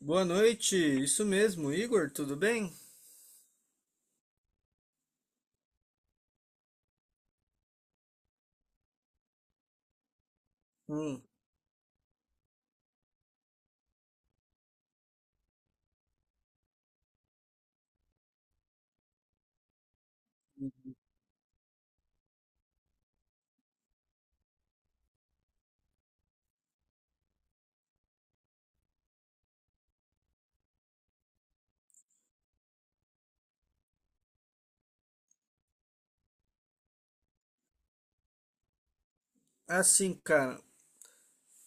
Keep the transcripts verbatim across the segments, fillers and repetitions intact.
Boa noite, isso mesmo, Igor, tudo bem? Hum. Assim, cara,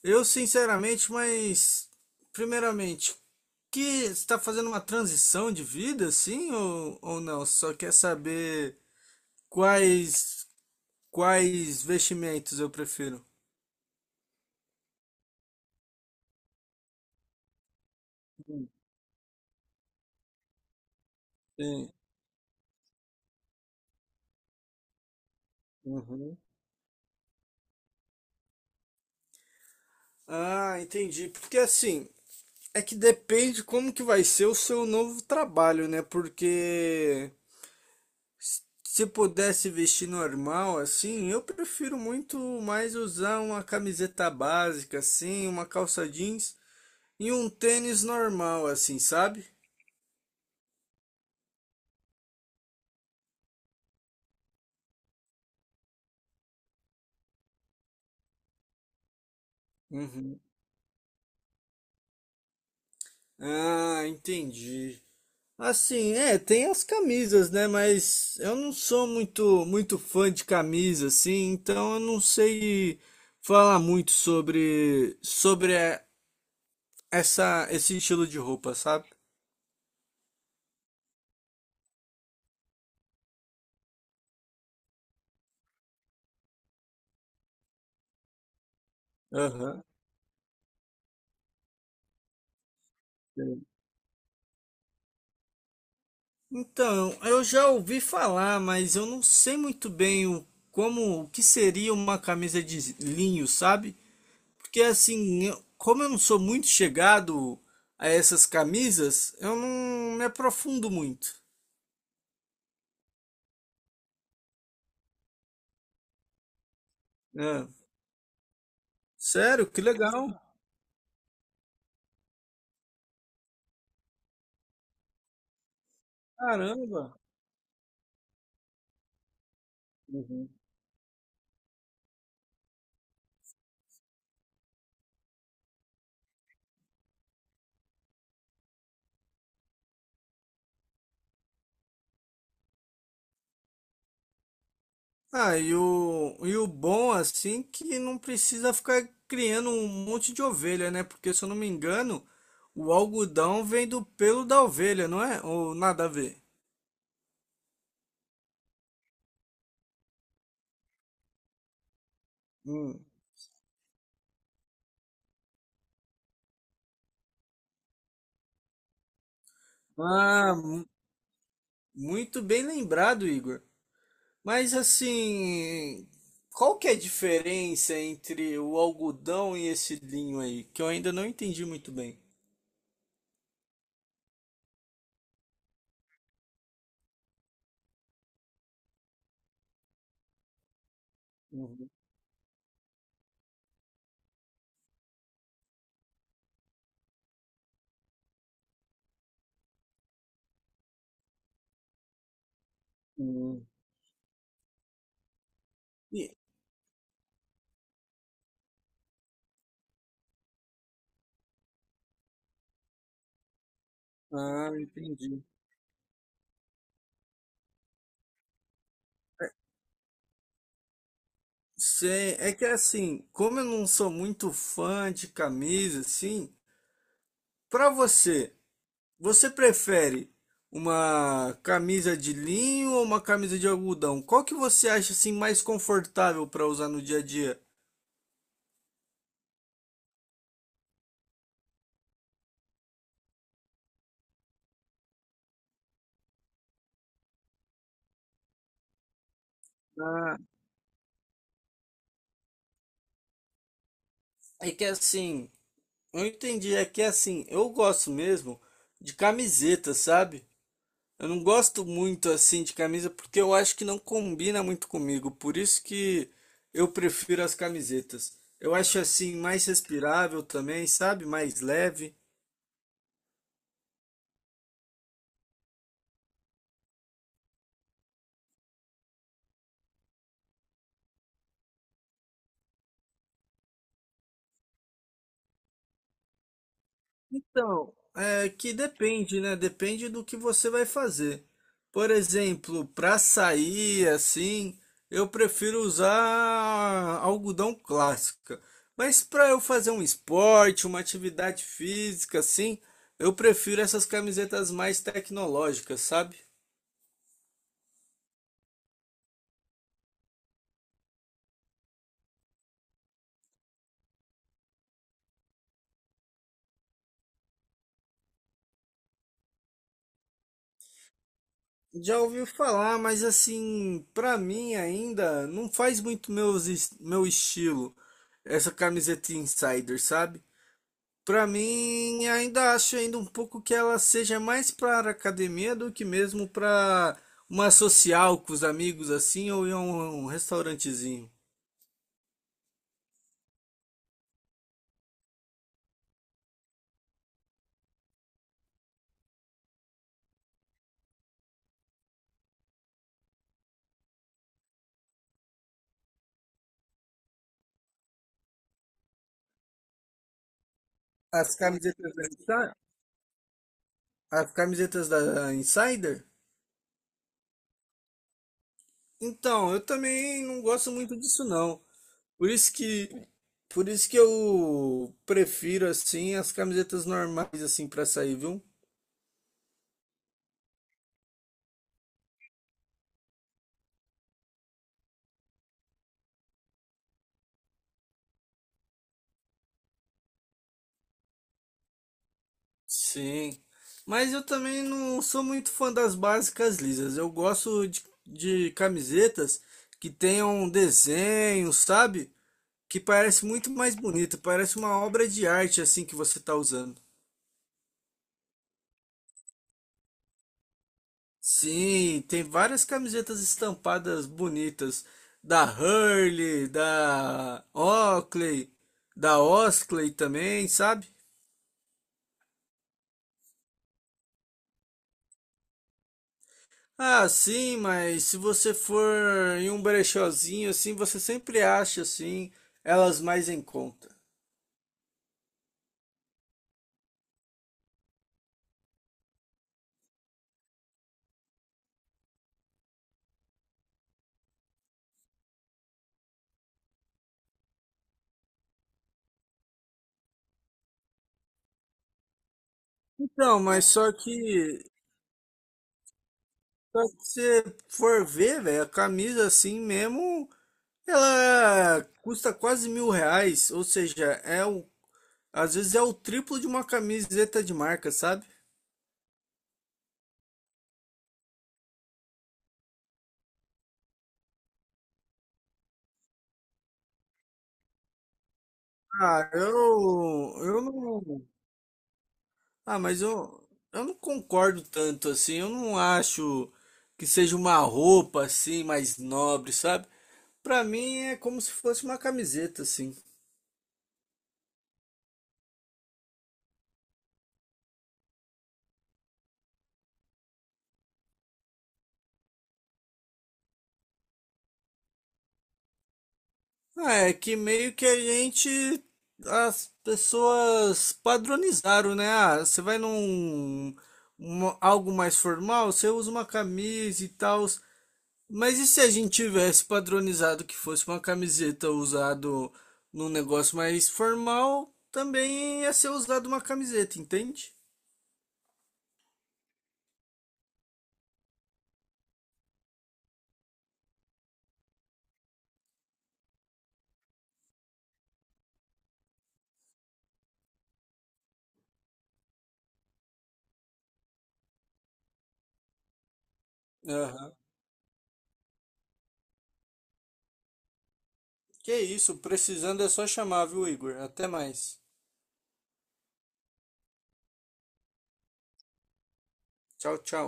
eu sinceramente, mas primeiramente, que está fazendo uma transição de vida, assim, ou, ou não? Só quer saber quais quais vestimentos eu prefiro. Hum. Sim. Uhum. Ah, entendi. Porque assim, é que depende como que vai ser o seu novo trabalho, né? Porque se pudesse vestir normal, assim, eu prefiro muito mais usar uma camiseta básica, assim, uma calça jeans e um tênis normal, assim, sabe? Uhum. Ah, entendi. Assim, é, tem as camisas, né? Mas eu não sou muito, muito fã de camisa, assim, então eu não sei falar muito sobre, sobre eh, essa, esse estilo de roupa, sabe? Aham. Então, eu já ouvi falar, mas eu não sei muito bem o, como, o que seria uma camisa de linho, sabe? Porque assim, eu- como eu não sou muito chegado a essas camisas, eu não me aprofundo muito. É. Sério, que legal. Caramba. Uhum. Ah, e o, e o bom, assim, que não precisa ficar criando um monte de ovelha, né? Porque se eu não me engano, o algodão vem do pelo da ovelha, não é? Ou nada a ver? Hum. Ah, mu- Muito bem lembrado, Igor. Mas assim, qual que é a diferença entre o algodão e esse linho aí? Que eu ainda não entendi muito bem. Uhum. Uhum. E- Ah, entendi. Sei, é que assim, como eu não sou muito fã de camisa, assim, pra você, você prefere uma camisa de linho ou uma camisa de algodão? Qual que você acha assim mais confortável pra usar no dia a dia? Ah, é que assim, eu entendi, é que assim, eu gosto mesmo de camiseta, sabe? Eu não gosto muito assim de camisa porque eu acho que não combina muito comigo, por isso que eu prefiro as camisetas. Eu acho assim mais respirável também, sabe? Mais leve. Então, é que depende, né? Depende do que você vai fazer. Por exemplo, para sair assim, eu prefiro usar algodão clássica. Mas para eu fazer um esporte, uma atividade física assim, eu prefiro essas camisetas mais tecnológicas, sabe? Já ouvi falar, mas assim, para mim ainda não faz muito meus, es- meu estilo essa camiseta insider, sabe? Pra mim, ainda acho ainda um pouco que ela seja mais para academia do que mesmo para uma social com os amigos assim ou em um, um restaurantezinho. As camisetas da Insider? As camisetas da Insider? Então, eu também não gosto muito disso não. Por isso que por isso que eu prefiro assim as camisetas normais assim para sair, viu? Sim, mas eu também não sou muito fã das básicas lisas. Eu gosto de, de camisetas que tenham desenho, sabe? Que parece muito mais bonito, parece uma obra de arte assim que você tá usando. Sim, tem várias camisetas estampadas bonitas da Hurley, da Oakley, da Oakley também, sabe? Ah, sim, mas se você for em um brechózinho assim, você sempre acha assim elas mais em conta. Então, mas só que só que você for ver, velho, a camisa assim mesmo, ela custa quase mil reais, ou seja, é o, às vezes é o triplo de uma camiseta de marca, sabe? Ah, eu eu não Ah, mas eu, eu não concordo tanto assim. Eu não acho que seja uma roupa assim mais nobre, sabe? Pra mim é como se fosse uma camiseta assim. Ah, é que meio que a gente as pessoas padronizaram, né? Ah, você vai num uma- algo mais formal, você usa uma camisa e tal. Mas e se a gente tivesse padronizado que fosse uma camiseta usado num negócio mais formal, também ia ser usado uma camiseta, entende? Aham. Que isso, precisando é só chamar, viu, Igor? Até mais. Tchau, tchau.